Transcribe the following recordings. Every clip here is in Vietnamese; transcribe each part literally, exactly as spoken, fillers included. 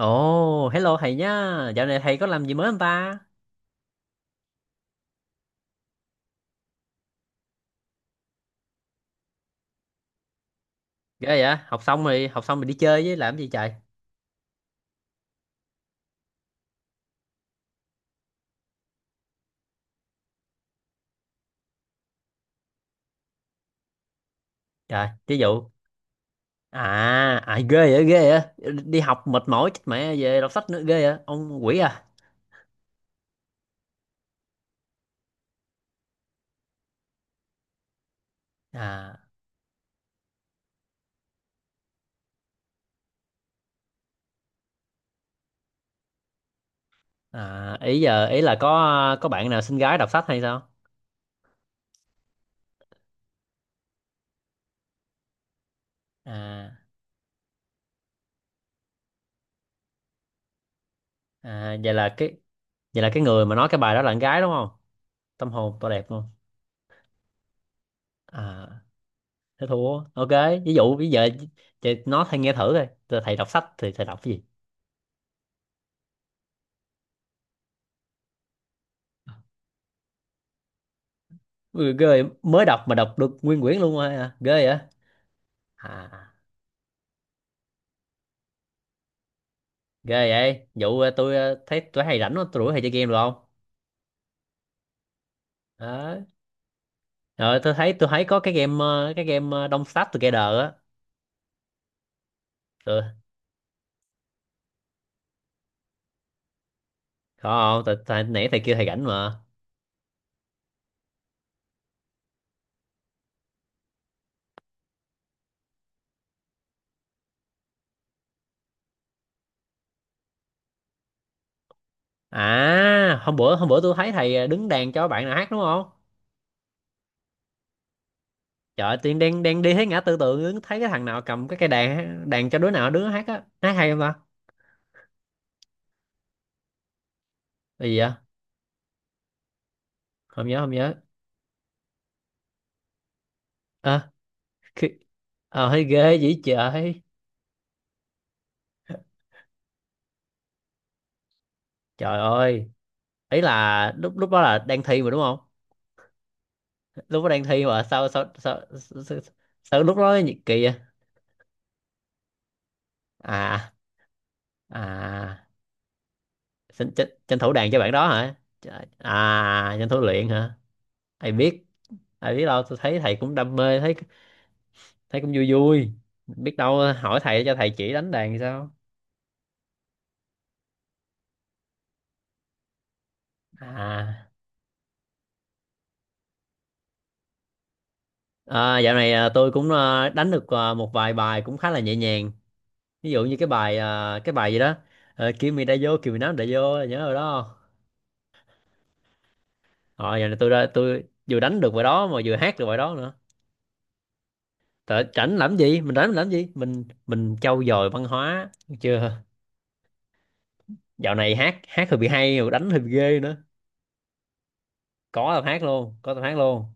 Ồ, hello thầy nhá. Dạo này thầy có làm gì mới không ta? Ghê vậy? Học xong rồi, học xong rồi đi chơi với làm gì trời? Trời, ví dụ. À, à ghê vậy, ghê vậy. Đi học mệt mỏi chết mẹ về đọc sách nữa ghê vậy. Ông quỷ à? À, à ý giờ ý là có có bạn nào xinh gái đọc sách hay sao? À, à vậy là cái vậy là cái người mà nói cái bài đó là con gái đúng không? Tâm hồn to đẹp luôn. À, thế thua. Ok, ví dụ bây giờ chị nói thầy nghe thử coi. Thầy đọc sách thì thầy đọc cái gì? Ui, ghê vậy. Mới đọc mà đọc được nguyên quyển luôn rồi à, ghê vậy à, ghê vậy vụ ờ, tôi ờ, thấy tôi hay rảnh quá, tôi rủ hay chơi game được không? Đó, rồi tôi thấy tôi thấy có cái game ờ, cái game ờ, Don't Starve Together á. Ừ. Có không tại, tại nãy thầy kêu thầy rảnh mà. À, hôm bữa hôm bữa tôi thấy thầy ờ, đứng đàn cho bạn nào hát đúng không? Trời ơi, tiên đang đang đi thấy ngã tư tưởng đứng thấy cái thằng nào cầm cái cây đàn đàn cho đứa nào đứa hát á, hát hay không ta? Cái gì vậy? Không nhớ, không nhớ. À, khi... À, thấy ghê vậy trời. Trời ơi. Ấy là lúc lúc đó là đang thi mà đúng không? Lúc đó đang thi mà sao sao sao sao, sao, sao lúc đó nhiệt kỳ vậy? à à tranh, tranh, tranh thủ đàn cho bạn đó hả? Trời, à tranh thủ luyện hả? Ai biết. Ai biết đâu, tôi thấy thầy cũng đam mê thấy, thấy cũng vui vui. Biết đâu hỏi thầy cho thầy chỉ đánh đàn thì sao? À, à dạo này à, tôi cũng à, đánh được à, một vài bài cũng khá là nhẹ nhàng. Ví dụ như cái bài à, cái bài gì đó. uh, Kimi đã vô Kimi nắm đã vô, nhớ rồi đó. Rồi giờ này tôi ra tôi vừa đánh được bài đó mà vừa hát được bài đó nữa. Tại rảnh làm gì? Mình rảnh mình làm gì? Mình mình trau dồi văn hóa được chưa? Dạo này hát hát hơi bị hay rồi, đánh hơi bị ghê nữa. Có tập hát luôn, có tập hát luôn.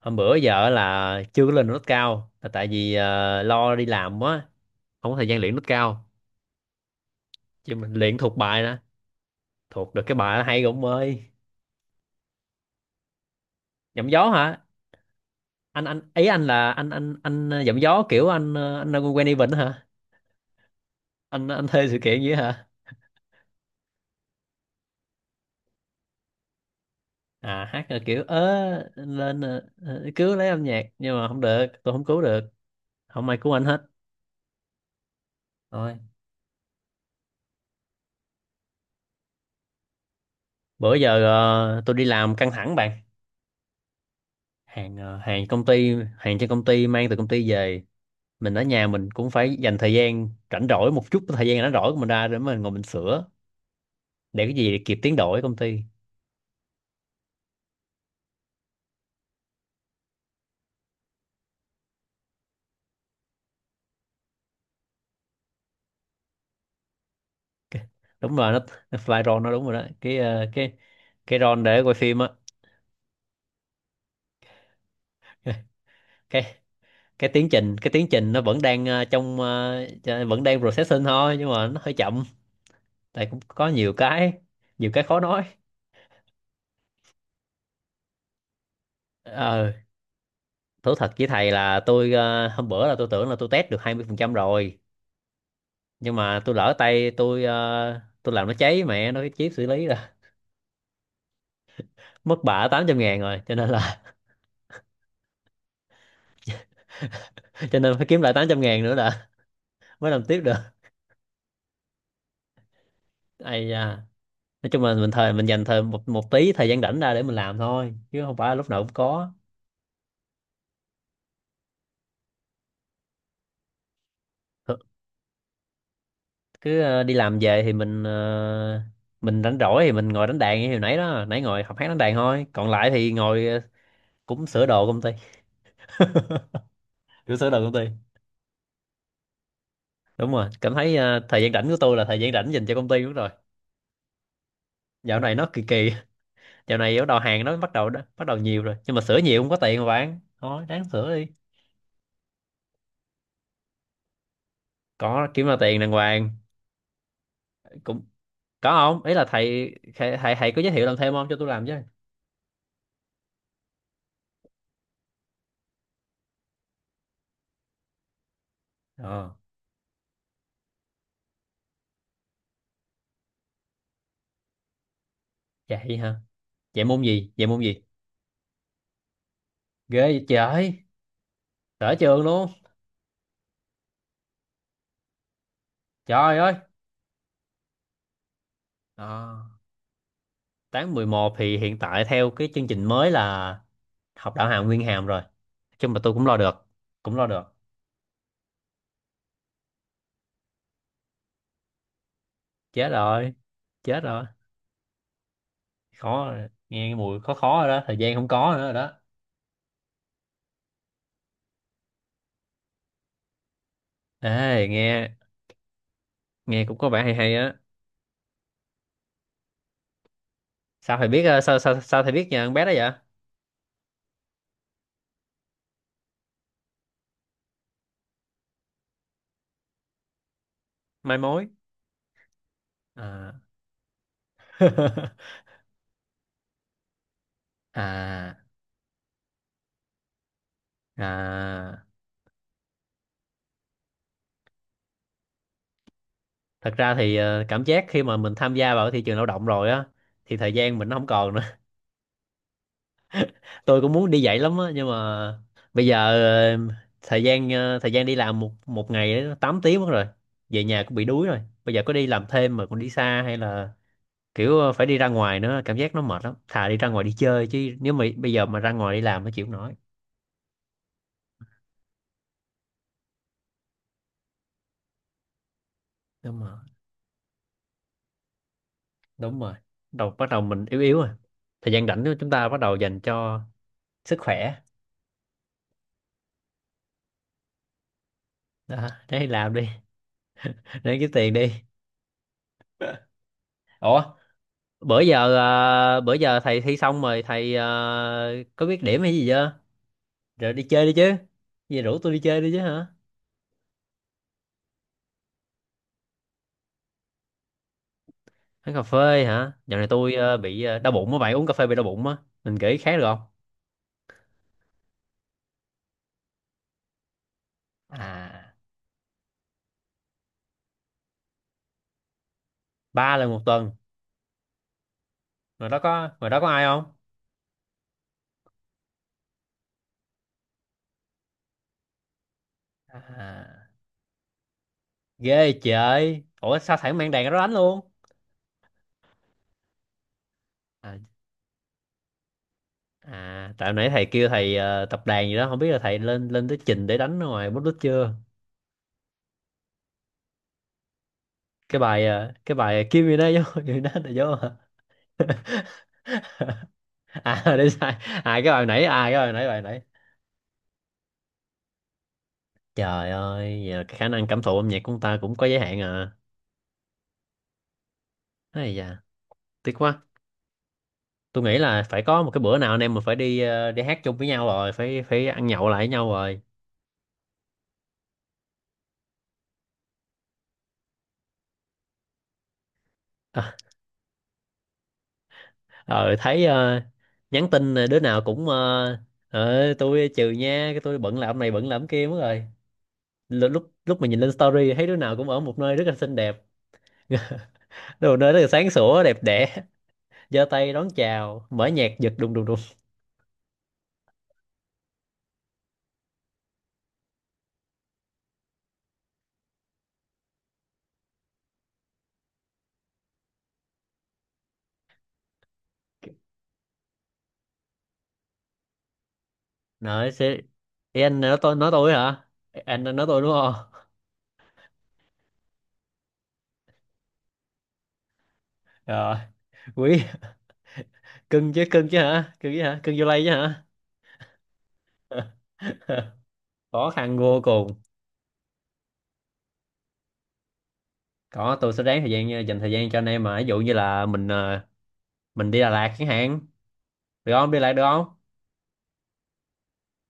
Hôm bữa giờ là chưa có lên nốt cao là tại vì ờ, lo đi làm quá, không có thời gian luyện nốt cao. Chứ mình luyện thuộc bài nè, thuộc được cái bài đó hay rồi ông ơi. Giọng gió hả? Anh anh ý, anh là anh anh anh ờ, giọng gió kiểu anh ờ, anh quen event hả? Anh anh thuê sự kiện gì hả? À, hát là kiểu ớ lên ờ, ờ, cứu lấy âm nhạc nhưng mà không được, tôi không cứu được. Không ai cứu anh hết. Thôi, bữa giờ ờ, tôi đi làm căng thẳng bạn, hàng ờ, hàng công ty, hàng trên công ty mang từ công ty về. Mình ở nhà mình cũng phải dành thời gian rảnh rỗi, một chút thời gian rảnh rỗi của mình ra để mình ngồi mình sửa để cái gì kịp tiến độ ở công ty. Đúng rồi nó, nó fly roll nó, đúng rồi đó, cái ờ, cái cái roll để quay phim á. cái cái tiến trình cái tiến trình nó vẫn đang ờ, trong ờ, vẫn đang processing thôi nhưng mà nó hơi chậm. Tại cũng có nhiều cái, nhiều cái khó nói. ờ Thú thật với thầy là tôi ờ, hôm bữa là tôi tưởng là tôi test được hai mươi phần trăm rồi, nhưng mà tôi lỡ tay tôi ờ, tôi làm nó cháy mẹ nó cái chip xử lý, là mất bả tám trăm ngàn rồi, cho nên là cho nên phải kiếm lại tám trăm ngàn nữa là mới làm tiếp được. Ai da, nói chung là mình thời mình dành thời một một tí thời gian rảnh ra để mình làm thôi, chứ không phải lúc nào cũng có. Th- Cứ ờ, đi làm về thì mình ờ, mình rảnh rỗi thì mình ngồi đánh đàn như hồi nãy đó, nãy ngồi học hát đánh đàn thôi, còn lại thì ngồi ờ, cũng sửa đồ công ty, cũng sửa đồ công ty. Đúng rồi, cảm thấy ờ, thời gian rảnh của tôi là thời gian rảnh dành cho công ty, đúng rồi. Dạo này nó kỳ kỳ. Dạo này bắt đầu hàng nó bắt đầu đã- bắt đầu nhiều rồi, nhưng mà sửa nhiều không có tiền mà bạn, thôi ráng sửa đi. Có kiếm ra tiền đàng hoàng. Cũng có không, ý là thầy thầy thầy, thầy có giới thiệu làm thêm không cho tôi làm chứ. Ờ, vậy hả? Vậy môn gì, vậy môn gì? Ghê vậy trời. Sở trường luôn. Trời ơi. Ờ, tháng mười một thì hiện tại theo cái chương trình mới là học đạo hàm nguyên hàm rồi, nhưng mà tôi cũng lo được, cũng lo được. Chết rồi, chết rồi, khó rồi. Nghe cái mùi khó khó rồi đó, thời gian không có nữa rồi đó. Ê nghe, nghe cũng có vẻ hay hay á. Sao thầy biết ờ, sao sao sao thầy biết nhà con bé đó vậy? Mai mối. À. à à thật ra thì ờ, cảm giác khi mà mình tham gia vào cái thị trường lao động rồi á thì thời gian mình nó không còn nữa. Tôi cũng muốn đi dạy lắm á nhưng mà bây giờ ờ, thời gian ờ, thời gian đi làm một một ngày ấy, nó tám tiếng mất rồi, về nhà cũng bị đuối rồi. Bây giờ có đi làm thêm mà còn đi xa hay là kiểu ờ, phải đi ra ngoài nữa, cảm giác nó mệt lắm, thà đi ra ngoài đi chơi chứ nếu mà bây giờ mà ra ngoài đi làm nó chịu không nổi. Đúng rồi, đúng rồi. Đầu bắt đầu mình yếu yếu rồi, thời gian rảnh của chúng ta bắt đầu dành cho sức khỏe. Đó, để làm đi, để kiếm tiền đi. Ủa, bữa giờ ờ, bữa giờ thầy thi xong rồi thầy ờ, có biết điểm hay gì chưa? Rồi đi chơi đi chứ, gì rủ tôi đi chơi đi chứ hả? Uống cà phê hả? Dạo này tôi ờ, bị ờ, đau bụng á bạn, uống cà phê bị đau bụng á. Mình kể khác được không? À, ba lần một tuần. ngoài đó có ngoài đó có ai không? À ghê trời, ủa sao thầy không mang đàn ra đó đánh luôn? À, à tại nãy thầy kêu thầy ờ, tập đàn gì đó, không biết là thầy lên lên tới trình để đánh ở ngoài bút đít chưa? Cái bài ờ, cái bài Kim gì đó vô gì đó là vô hả? À, để sai. à cái bài nãy à cái bài nãy, bài nãy. Trời ơi, vậy là cái khả năng cảm thụ âm nhạc của ông ta cũng có giới hạn à. Ây da, tiếc quá. Tôi nghĩ là phải có một cái bữa nào anh em mình phải đi ờ, đi hát chung với nhau rồi, phải phải ăn nhậu lại với nhau rồi. À, ờ thấy ờ, nhắn tin ờ, đứa nào cũng ờ, ờ, tôi trừ nha, cái tôi bận làm này bận làm kia mất rồi. L- lúc lúc mà nhìn lên story thấy đứa nào cũng ở một nơi rất là xinh đẹp, đồ nơi rất là sáng sủa đẹp đẽ, giơ tay đón chào, mở nhạc giật đùng đùng đùng. Nói sẽ. Ê, anh nói tôi nói tôi hả? Anh nói tôi đúng không? Rồi, quý, cưng chứ, cưng chứ hả? Cưng chứ hả? Cưng vô lay chứ hả? Khó khăn vô cùng. Có tôi sẽ ráng thời gian, ờ, dành thời gian cho anh em mà, ví dụ như là mình ờ, mình đi Đà Lạt chẳng hạn. Được không? Đi Đà Lạt được không?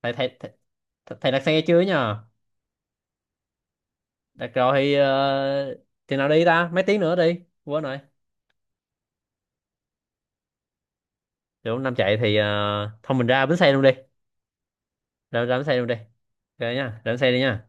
Thầy thầy thầy, thầy đặt xe chưa nhờ? Đặt rồi thì ờ, thì nào đi ta? Mấy tiếng nữa đi. Quên rồi. Được không? Nam chạy thì ờ, thôi mình ra bến xe luôn đi. Ra ra bến xe luôn đi. Ok nha. Ra bến xe đi nha.